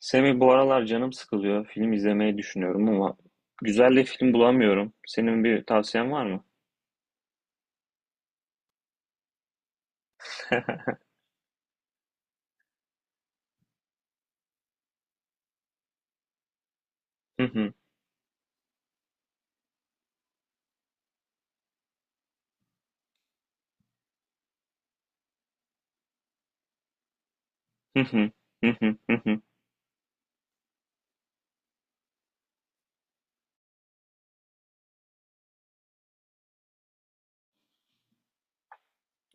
Semih bu aralar canım sıkılıyor. Film izlemeyi düşünüyorum ama güzel de film bulamıyorum. Senin bir tavsiyen var mı? Hı hı, hı hı, hı hı, hı hı.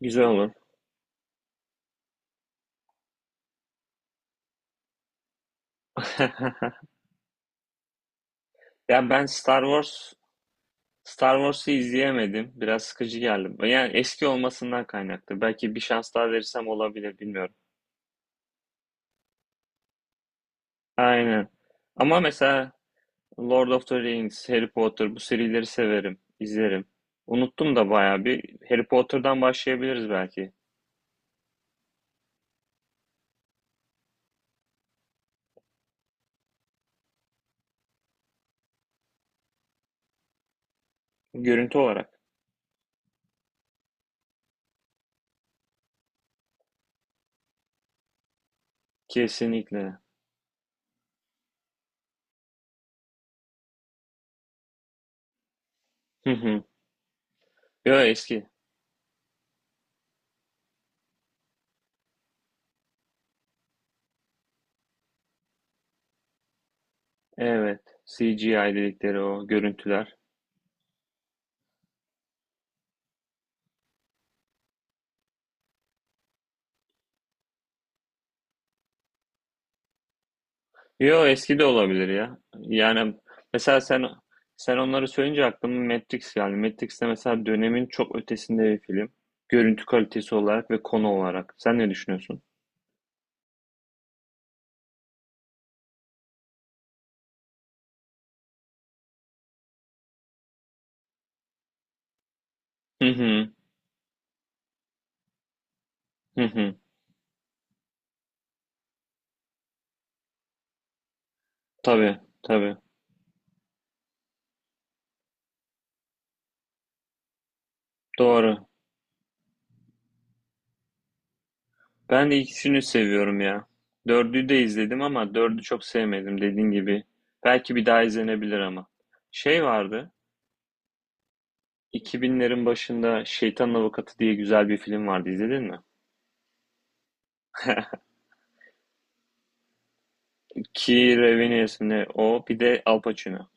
Güzel olur. Ya ben Star Wars'u izleyemedim. Biraz sıkıcı geldi. Yani eski olmasından kaynaklı. Belki bir şans daha verirsem olabilir bilmiyorum. Aynen. Ama mesela Lord of the Rings, Harry Potter bu serileri severim, izlerim. Unuttum da bayağı bir. Harry Potter'dan başlayabiliriz belki. Görüntü olarak. Kesinlikle. Hı hı. Yo eski. Evet. C G I dedikleri o görüntüler. Yo eski de olabilir ya. Yani mesela sen onları söyleyince aklıma Matrix geldi. Matrix de mesela dönemin çok ötesinde bir film. Görüntü kalitesi olarak ve konu olarak. Sen ne düşünüyorsun? Hı hı. Hı hı. Tabii, tabii. Doğru. Ben de ikisini seviyorum ya. Dördü de izledim ama dördü çok sevmedim dediğin gibi. Belki bir daha izlenebilir ama. Şey vardı. 2000'lerin başında Şeytanın Avukatı diye güzel bir film vardı, izledin mi? Keira Revenues mi o, bir de Al Pacino.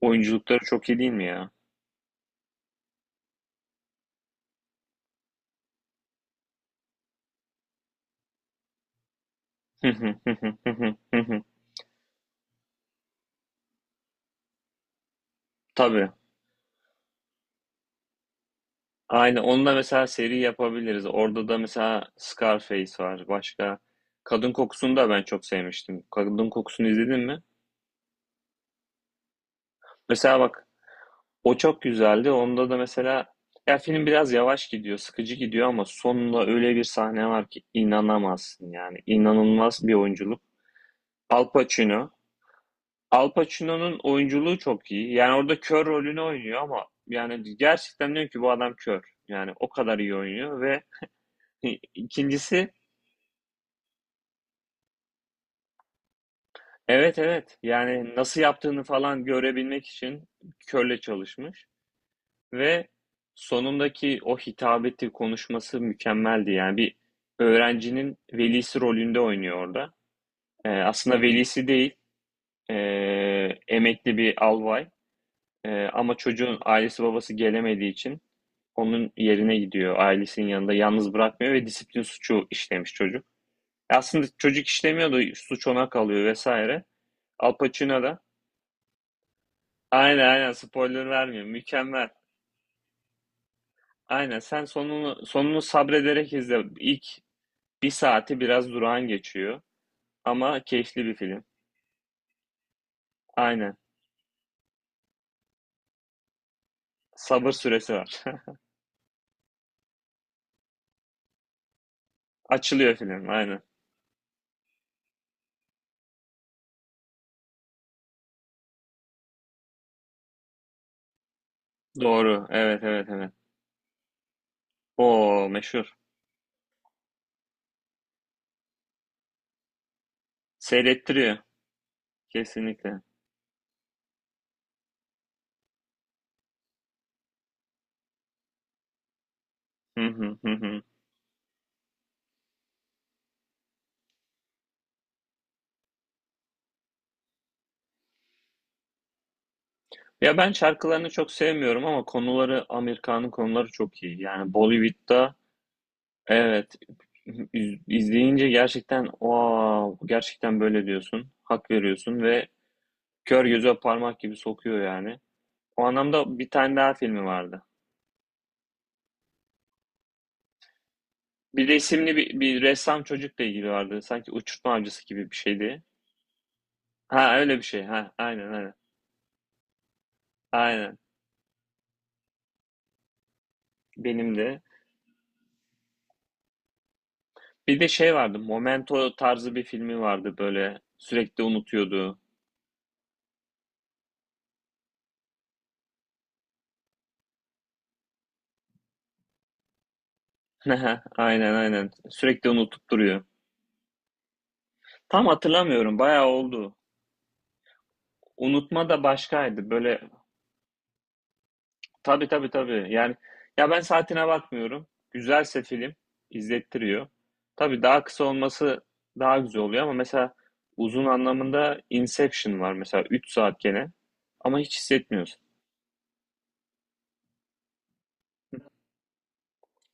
Oyunculukları çok iyi değil mi ya? Tabii. Aynen. Onunla mesela seri yapabiliriz. Orada da mesela Scarface var. Başka Kadın Kokusu'nu da ben çok sevmiştim. Kadın Kokusu'nu izledin mi? Mesela bak, o çok güzeldi. Onda da mesela ya film biraz yavaş gidiyor, sıkıcı gidiyor ama sonunda öyle bir sahne var ki inanamazsın yani. İnanılmaz bir oyunculuk. Al Pacino. Al Pacino'nun oyunculuğu çok iyi. Yani orada kör rolünü oynuyor ama yani gerçekten diyorum ki bu adam kör. Yani o kadar iyi oynuyor ve ikincisi evet, evet, yani nasıl yaptığını falan görebilmek için körle çalışmış ve sonundaki o hitabeti konuşması mükemmeldi. Yani bir öğrencinin velisi rolünde oynuyor orada. Aslında velisi değil, emekli bir albay. Ama çocuğun ailesi babası gelemediği için onun yerine gidiyor. Ailesinin yanında yalnız bırakmıyor ve disiplin suçu işlemiş çocuk. Aslında çocuk işlemiyor da suç ona kalıyor vesaire. Al Pacino da aynen, aynen, spoiler vermiyorum. Mükemmel. Aynen sen sonunu sabrederek izle. İlk bir saati biraz durağan geçiyor ama keyifli bir film. Aynen. Sabır süresi var. Açılıyor film aynen. Doğru. Evet, evet, evet. O meşhur. Seyrettiriyor kesinlikle. Hı hı, hı hı. Ya ben şarkılarını çok sevmiyorum ama konuları Amerikan'ın konuları çok iyi. Yani Bollywood'da evet iz- izleyince gerçekten wow, gerçekten böyle diyorsun. Hak veriyorsun ve kör göze parmak gibi sokuyor yani. O anlamda bir tane daha filmi vardı. Bir resimli bir ressam çocukla ilgili vardı. Sanki uçurtma avcısı gibi bir şeydi. Ha öyle bir şey. Ha, aynen, aynen. Aynen. Benim de. Bir de şey vardı. Momento tarzı bir filmi vardı böyle. Sürekli unutuyordu. Aha, aynen, aynen. Sürekli unutup duruyor. Tam hatırlamıyorum. Bayağı oldu. Unutma da başkaydı. Böyle tabii, tabii, tabii. Yani ya ben saatine bakmıyorum. Güzelse film izlettiriyor. Tabii daha kısa olması daha güzel oluyor ama mesela uzun anlamında Inception var mesela, 3 saat gene ama hiç hissetmiyorsun.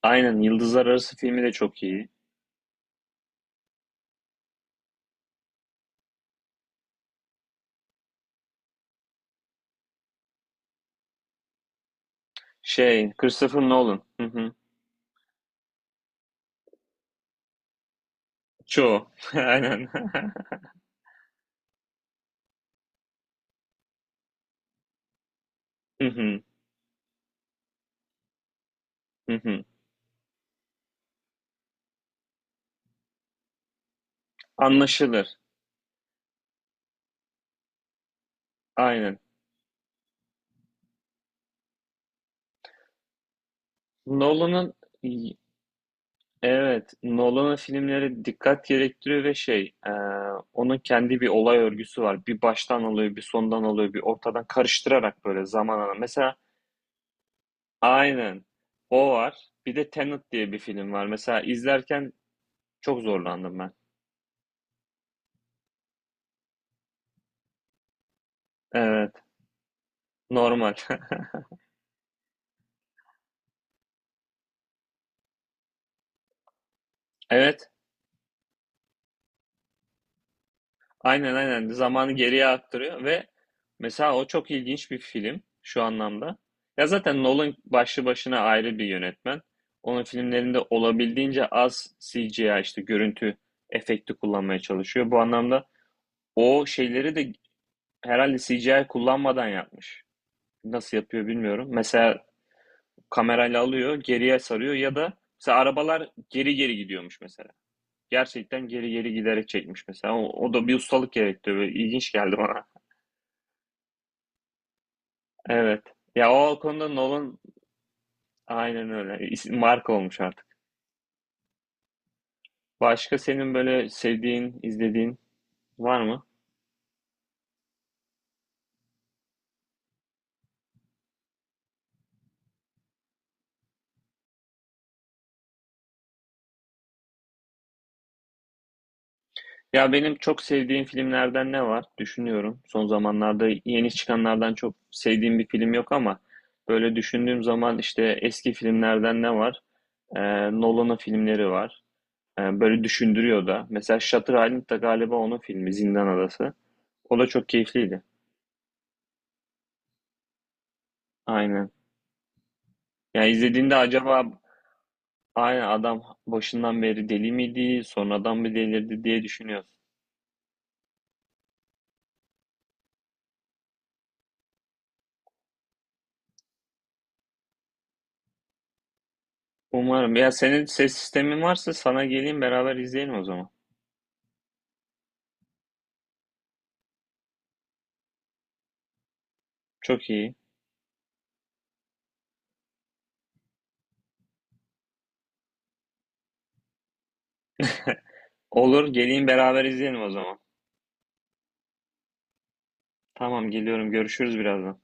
Aynen Yıldızlar Arası filmi de çok iyi. Şey Christopher Nolan. Hı hı. Çoğu. Aynen. Hı hı. Hı hı. Anlaşılır. Aynen. Nolan'ın evet, Nolan'ın filmleri dikkat gerektiriyor ve şey onun kendi bir olay örgüsü var. Bir baştan alıyor, bir sondan alıyor, bir ortadan karıştırarak böyle zaman alan. Mesela aynen o var. Bir de Tenet diye bir film var. Mesela izlerken çok zorlandım ben. Evet, normal. Evet. Aynen, aynen, zamanı geriye aktarıyor ve mesela o çok ilginç bir film şu anlamda. Ya zaten Nolan başlı başına ayrı bir yönetmen. Onun filmlerinde olabildiğince az CGI işte görüntü efekti kullanmaya çalışıyor. Bu anlamda o şeyleri de herhalde CGI kullanmadan yapmış. Nasıl yapıyor bilmiyorum. Mesela kamerayla alıyor, geriye sarıyor ya da mesela arabalar geri geri gidiyormuş mesela. Gerçekten geri geri giderek çekmiş mesela. O, o da bir ustalık gerektiriyor. Böyle İlginç geldi bana. Evet. Ya o konuda Nolan aynen öyle. İsim- Marka olmuş artık. Başka senin böyle sevdiğin, izlediğin var mı? Ya benim çok sevdiğim filmlerden ne var? Düşünüyorum. Son zamanlarda yeni çıkanlardan çok sevdiğim bir film yok ama böyle düşündüğüm zaman işte eski filmlerden ne var? Nolan'ın filmleri var. Böyle düşündürüyor da. Mesela Shutter Island da galiba onun filmi, Zindan Adası. O da çok keyifliydi. Aynen. Ya izlediğinde acaba aynen adam başından beri deli miydi, sonradan mı delirdi diye düşünüyorsun. Umarım. Ya senin ses sistemin varsa sana geleyim, beraber izleyelim o zaman. Çok iyi. Olur, geleyim, beraber izleyelim o zaman. Tamam, geliyorum. Görüşürüz birazdan.